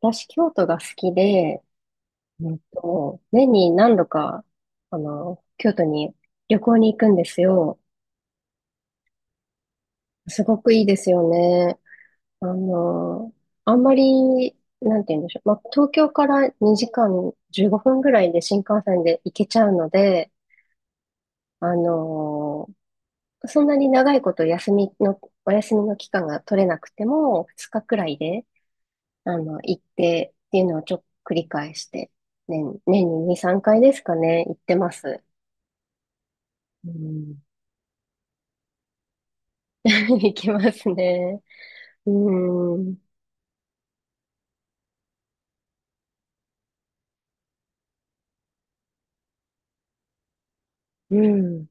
私、京都が好きで、と年に何度か、京都に旅行に行くんですよ。すごくいいですよね。あの、あんまり、なんて言うんでしょう。まあ、東京から2時間15分ぐらいで新幹線で行けちゃうので、あの、そんなに長いこと休みの、お休みの期間が取れなくても、2日くらいで、行ってっていうのをちょっと繰り返して、年に2、3回ですかね、行ってます。うん。 行きますね。うん。うん。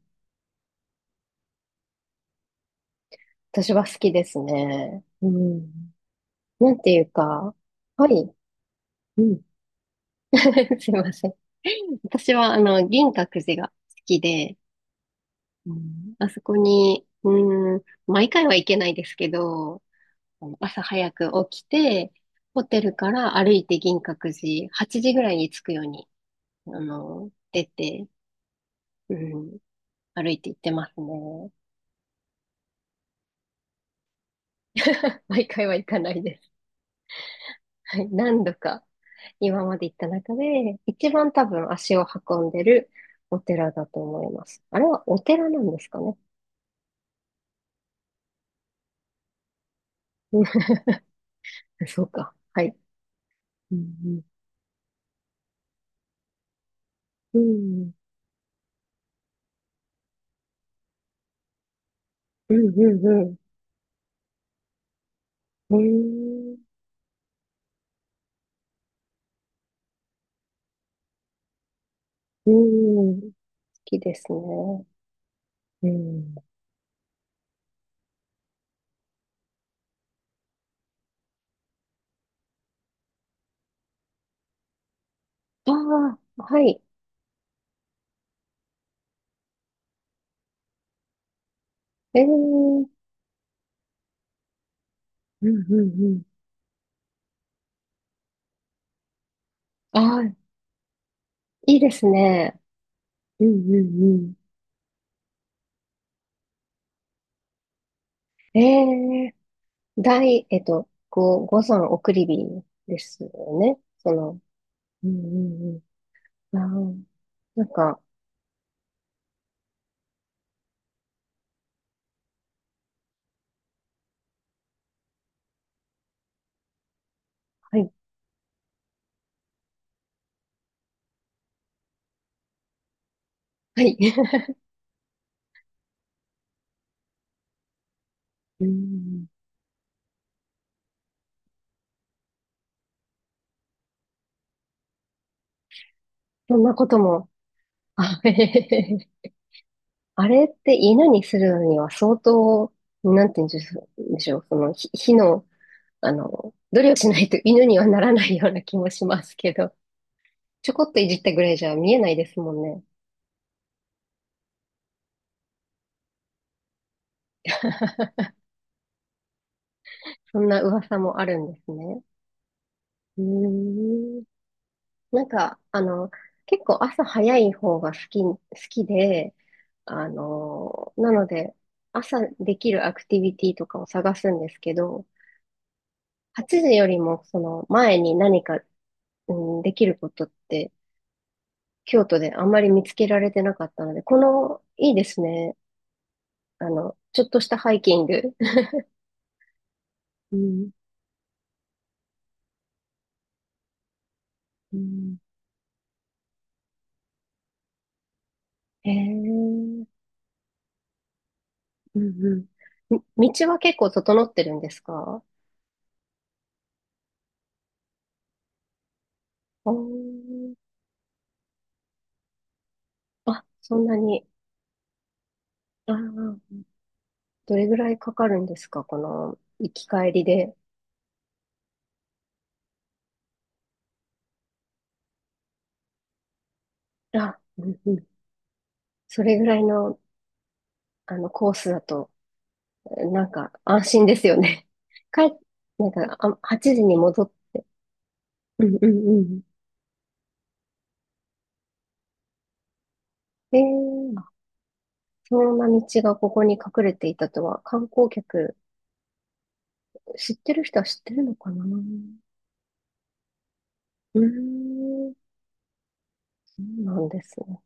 私は好きですね。うん。なんていうか、はい。うん。すいません。私は、銀閣寺が好きで、うん、あそこに、うん、毎回は行けないですけど、朝早く起きて、ホテルから歩いて銀閣寺、8時ぐらいに着くように、出て、うん、歩いて行ってますね。毎回は行かないです。はい、何度か今まで行った中で、一番多分足を運んでるお寺だと思います。あれはお寺なんですかね。うん。 そうか。はい。うんうん。うん。うん。うんうん。うん。うん、好きですね。うん。ああ、はい。ええ、うんうんうん。ああ、いいですね。うんうんうん。ええ、大、えっと、ご、ご山送り火ですよね。うんうんうん。ああ、なんか、はい。はい。うん。そんなことも。あ、へへへへ、あれって稲にするのには相当、なんて言うんでしょう、その火の、努力しないと犬にはならないような気もしますけど、ちょこっといじったぐらいじゃ見えないですもんね。そんな噂もあるんですね。うーん。なんか、結構朝早い方が好きで、なので、朝できるアクティビティとかを探すんですけど、8時よりもその前に何か、うん、できることって京都であんまり見つけられてなかったので、この、いいですね。ちょっとしたハイキング。うん、うん、へえ、うんうん。道は結構整ってるんですか？おー、あ、そんなに。ああ、どれぐらいかかるんですかこの、行き帰りで。あ、うんうん。それぐらいの、コースだと、なんか、安心ですよね。帰っ、なんか、あ、8時に戻っ、うんうんうん。えー、そんな道がここに隠れていたとは、観光客、知ってる人は知ってるのかな。うーん、そうなんですね。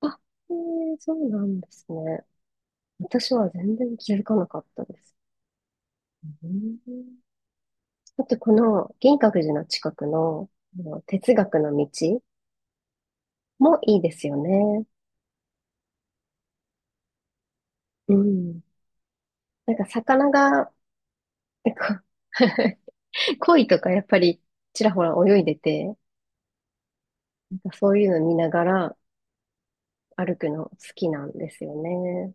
あ、そうなんですね。私は全然気づかなかったです。うん。あと、この銀閣寺の近くの、あの哲学の道もいいですよね。うん。なんか魚が、なんか、 鯉とかやっぱりちらほら泳いでて、なんかそういうの見ながら歩くの好きなんですよね。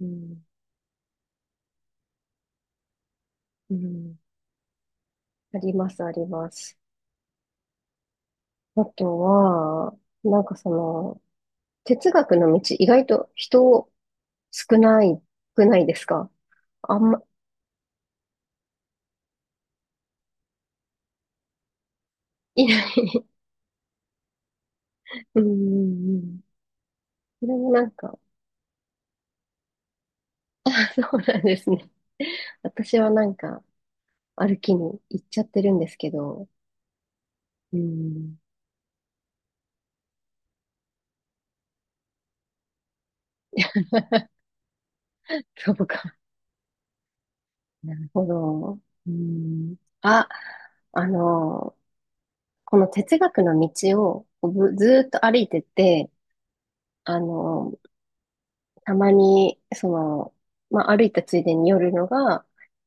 うん。うん。あります、あります。あとは、なんかその、哲学の道、意外と人少ない、少ないですか？あんま、いない。うんうんうん。それもなんか、あ、そうなんですね。私はなんか、歩きに行っちゃってるんですけど、うん、そうか。なるほど。うん、あ、あの、この哲学の道をこうずーっと歩いてて、あの、たまに、まあ、歩いたついでに寄るのが、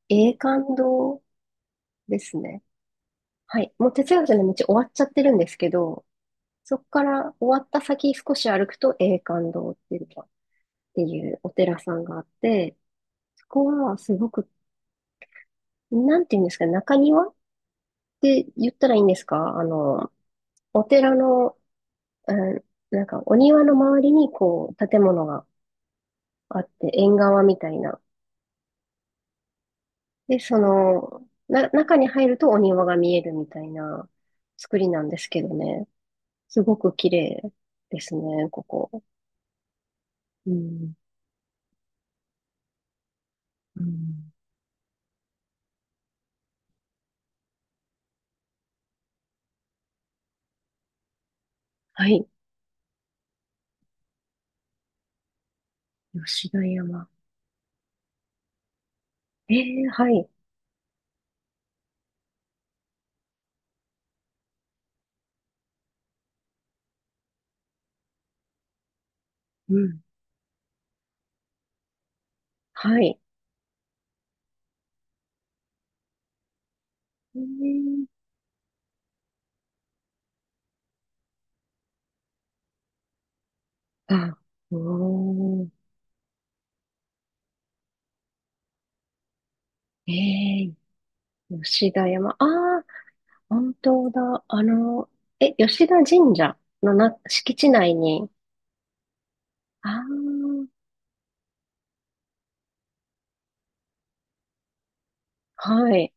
永観堂ですね。はい。もう哲学の道終わっちゃってるんですけど、そこから終わった先少し歩くと永観堂っていうお寺さんがあって、そこはすごく、なんていうんですかね、中庭って言ったらいいんですか？お寺の、うん、なんかお庭の周りにこう建物があって、縁側みたいな。で、中に入るとお庭が見えるみたいな作りなんですけどね。すごく綺麗ですね、ここ。うん。うん、はい。吉田山。ええ、はい。うん。はい。ええ、あ、おー。ええ、吉田山。ああ、本当だ。え、吉田神社の敷地内に。ああ、はい。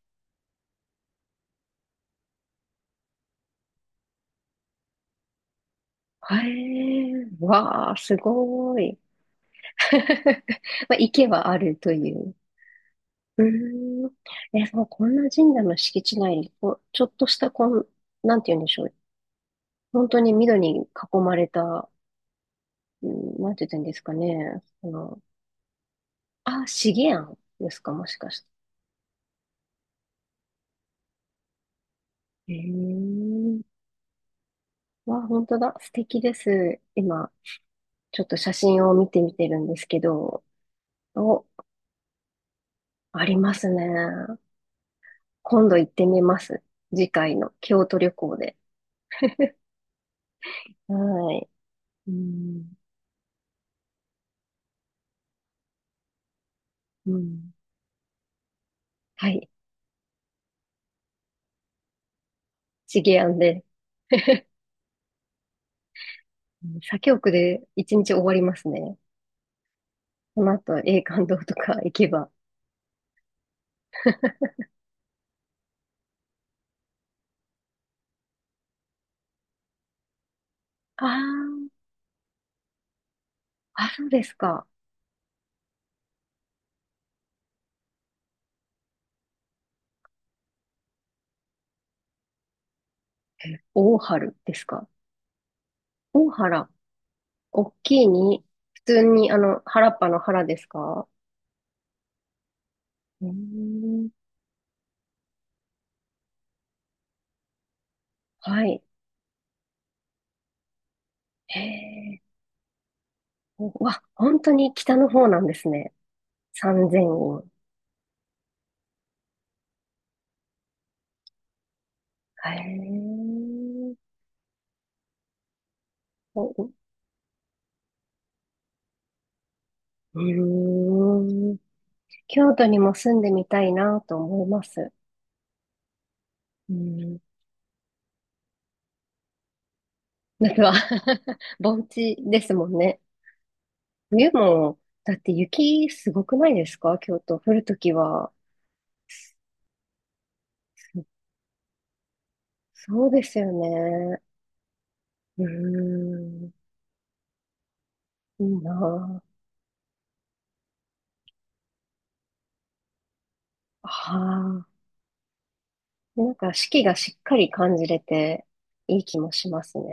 ええ、わあ、すごい。まあ、池はあるという。うーん。え、そう、こんな神社の敷地内に、こう、ちょっとしたなんて言うんでしょう。本当に緑に囲まれた。うん、なんて言ったんですかね。あ、資源ですか、もしかして。へえ。わ、本当だ。素敵です。今、ちょっと写真を見てみてるんですけど、お、ありますね。今度行ってみます。次回の京都旅行で。はい。うん、うん。はい。資源で、うん左京区で一日終わりますね。その後、永観堂とか行けば。ああ、あ、そうですか。え、大原ですか。大原。大きいに、普通に、原っぱの原ですか？うーん、はい。へえ。うわ、本当に北の方なんですね。三千院。へえ。おうーん。京都にも住んでみたいなと思います。うん。夏は。 盆地ですもんね。冬も、だって雪すごくないですか京都。降るときは。そそうですよね。うーん。いいな。ああ、なんか四季がしっかり感じれていい気もしますね。